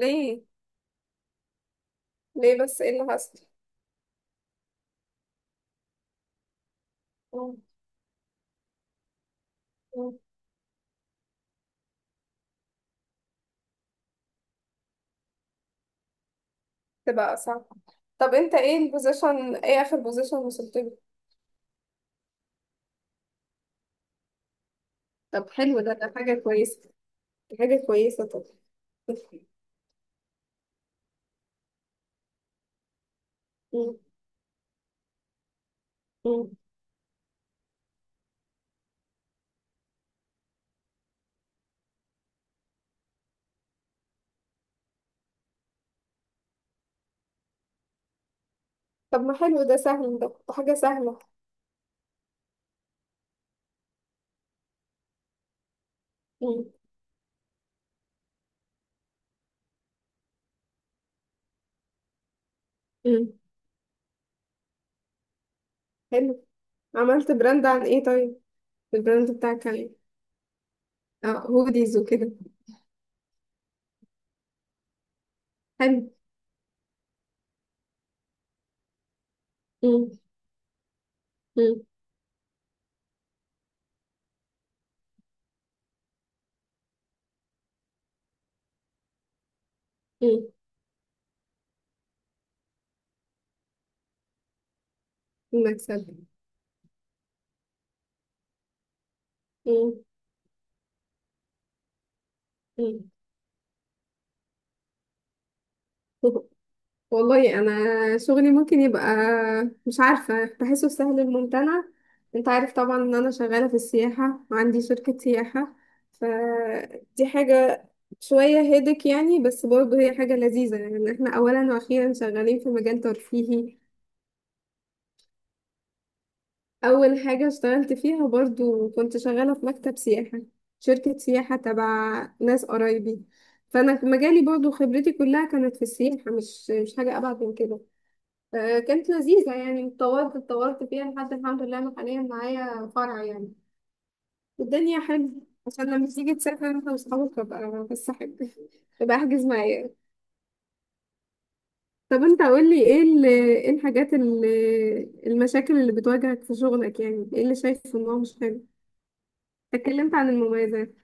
ليه؟ ليه بس ايه اللي حصل؟ مم. مم. تبقى صعب. طب انت ايه اخر بوزيشن وصلت له؟ طب حلو، ده حاجة كويسة. دي حاجة كويسة. طب. مم. مم. طب ما حلو، ده سهل، ده حاجة سهلة. مم. مم. حلو. عملت براند عن ايه طيب؟ البراند بتاعك كان ايه؟ اه، هوديز وكده. حلو. مم. مم. مم. المكسب. مم. مم. والله انا شغلي ممكن يبقى مش عارفه، بحسه سهل الممتنع. انت عارف طبعا ان انا شغاله في السياحه وعندي شركه سياحه. فدي حاجه شويه هيدك يعني، بس برضه هي حاجه لذيذه، يعني إن احنا اولا واخيرا شغالين في مجال ترفيهي. اول حاجه اشتغلت فيها برضه كنت شغاله في مكتب سياحه، شركه سياحه تبع ناس قرايبي. فانا مجالي برضه خبرتي كلها كانت في السياحه، مش حاجه ابعد من كده. كانت لذيذة، يعني اتطورت فيها لحد الحمد لله أنا حاليا معايا فرع يعني. الدنيا حلوة. عشان لما تيجي تسافر انت واصحابك، ابقى بس احب ابقى احجز معايا. طب انت قول لي، ايه المشاكل اللي بتواجهك في شغلك؟ يعني ايه اللي شايف ان هو مش حلو؟ اتكلمت عن المميزات.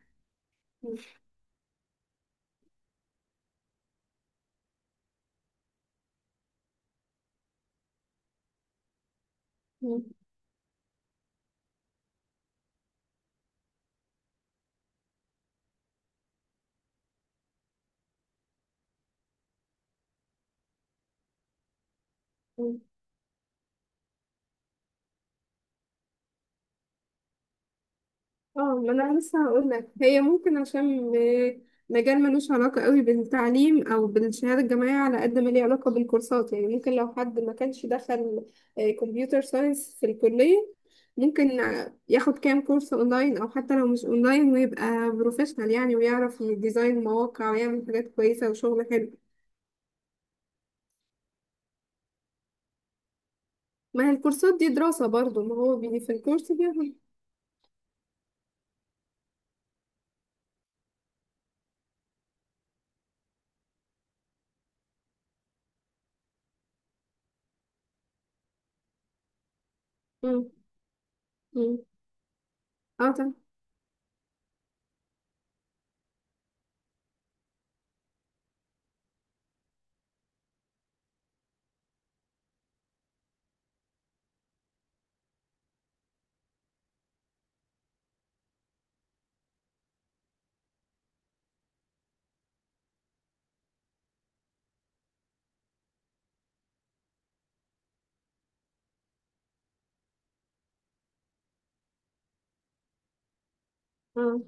اه، ما انا لسه هقول لك، هي ممكن مجال ملوش علاقة قوي بالتعليم او بالشهادة الجامعية على قد ما ليه علاقة بالكورسات. يعني ممكن لو حد ما كانش دخل كمبيوتر ساينس في الكلية، ممكن ياخد كام كورس اونلاين او حتى لو مش اونلاين ويبقى بروفيشنال يعني، ويعرف يديزاين مواقع ويعمل حاجات كويسة وشغل حلو. ما هي الكورسات دي دراسة برضو، ما هو بي في الكورس بياخد. مم، مم. اه، تمام. اه.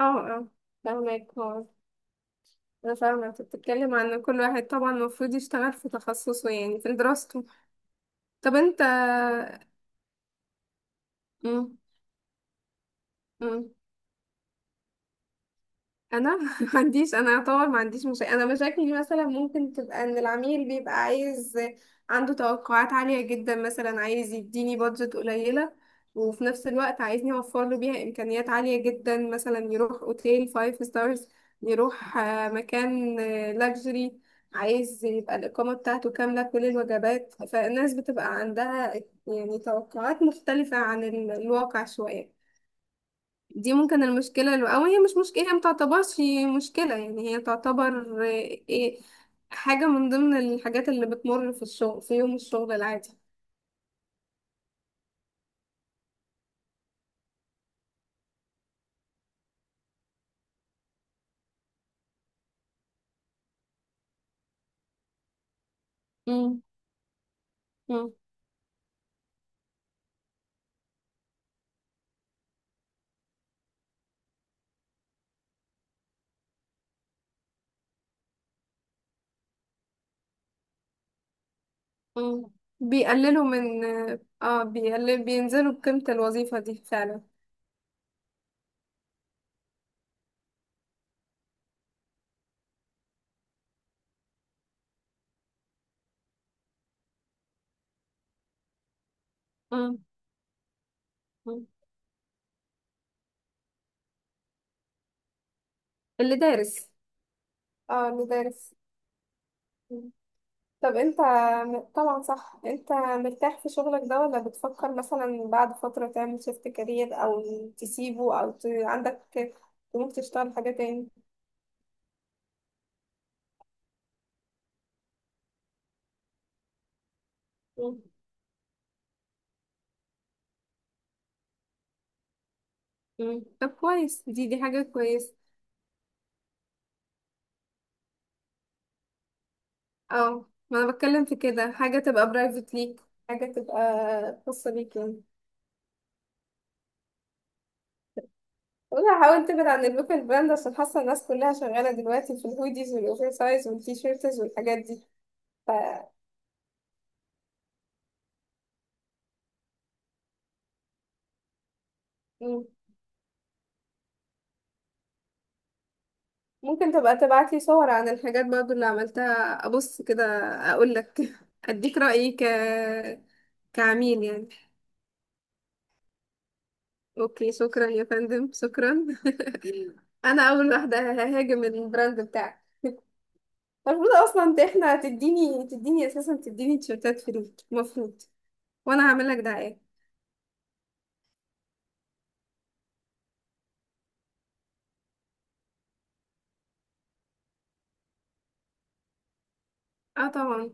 اه. اه فاهمك. اه. انا فاهمة انت بتتكلم عن إن كل واحد طبعا المفروض يشتغل في تخصصه، يعني في دراسته. طب انت. مم. مم. انا ما عنديش، انا اعتبر ما عنديش مشاكل. انا مشاكلي مثلا ممكن تبقى ان العميل بيبقى عايز، عنده توقعات عالية جدا، مثلا عايز يديني بادجت قليلة وفي نفس الوقت عايزني اوفر له بيها امكانيات عالية جدا. مثلا يروح اوتيل فايف ستارز، يروح مكان لاكجري، عايز يبقى الإقامة بتاعته كاملة كل الوجبات، فالناس بتبقى عندها يعني توقعات مختلفة عن الواقع شوية. دي ممكن المشكلة، اللي أو هي مش مشكلة، هي متعتبرش مشكلة يعني، هي تعتبر إيه، حاجة من ضمن الحاجات اللي بتمر في الشغل في يوم الشغل العادي. مم. مم. مم. بيقللوا من. اه، بيقلل، بينزلوا بقيمة الوظيفة دي فعلا. مم. مم. اللي دارس. اه، اللي دارس. طب انت طبعا صح، انت مرتاح في شغلك ده ولا بتفكر مثلا بعد فترة تعمل شيفت كارير او تسيبه او عندك طموح تشتغل حاجة تاني؟ مم. مم. طب كويس، دي حاجة كويسة. اه، ما انا بتكلم في كده حاجة تبقى برايفت ليك، حاجة تبقى خاصة بيك يعني. والله حاول تبعد عن اللوكال براند عشان حاسة الناس كلها شغالة دلوقتي في الهوديز والاوفر سايز والتيشيرتز والحاجات دي. ف... ممكن تبقى تبعتلي صور عن الحاجات برضو اللي عملتها، ابص كده اقول لك اديك رأيي، كعميل يعني. اوكي، شكرا يا فندم، شكرا. انا اول واحدة ههاجم البراند بتاعك. المفروض اصلا انت، احنا، تديني اساسا تديني تيشيرتات فري المفروض. وانا هعمل لك دعاية. اه طبعا.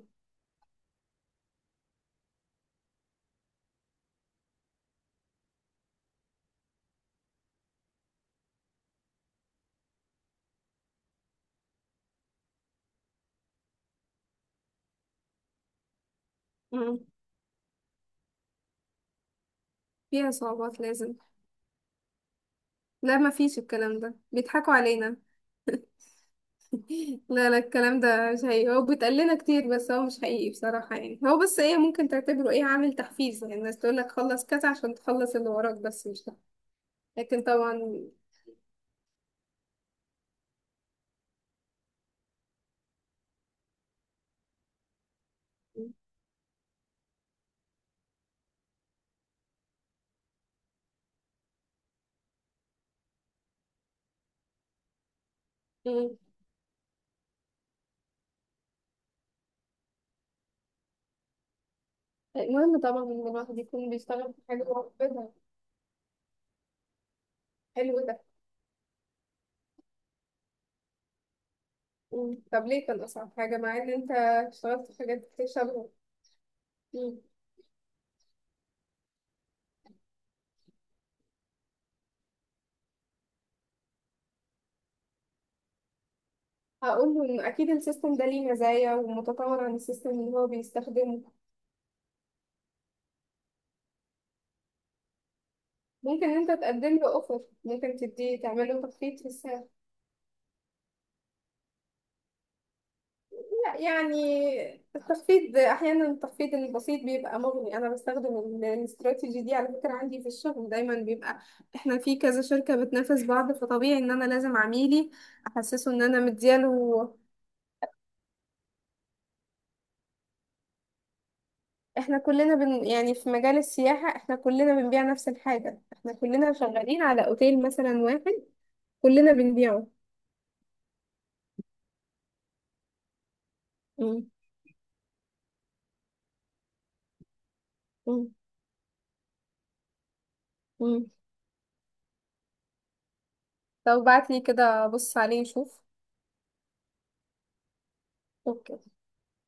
مم. فيها صعوبات لازم. لا، ما فيش، الكلام ده بيضحكوا علينا. لا لا، الكلام ده مش حقيقي، هو بيتقال لنا كتير بس هو مش حقيقي بصراحة يعني. هو بس ايه ممكن تعتبره، ايه، عامل تحفيز، يعني الناس تقول لك خلص كذا عشان تخلص اللي وراك، بس مش ده. لكن طبعا. مم. المهم طبعا ان الواحد يكون بيشتغل في حاجة هو حاببها. حلو ده. مم. طب ليه كان أصعب حاجة مع إن أنت اشتغلت في حاجات كتير شبهه؟ مم. هقول له إن أكيد السيستم ده ليه مزايا ومتطور عن السيستم اللي هو بيستخدمه. ممكن أنت تقدم له أوفر، ممكن تديه، تعمل له تخفيض في السعر. لا يعني، التخفيض احيانا، التخفيض البسيط بيبقى مغني. انا بستخدم الاستراتيجي دي على فكره، عندي في الشغل دايما بيبقى احنا في كذا شركه بتنافس بعض، فطبيعي ان انا لازم عميلي احسسه ان انا مدياله. احنا كلنا بن يعني في مجال السياحه احنا كلنا بنبيع نفس الحاجه، احنا كلنا شغالين على اوتيل مثلا واحد كلنا بنبيعه. امم. امم. امم. طب ابعت لي كده، بص عليه نشوف. اوكي.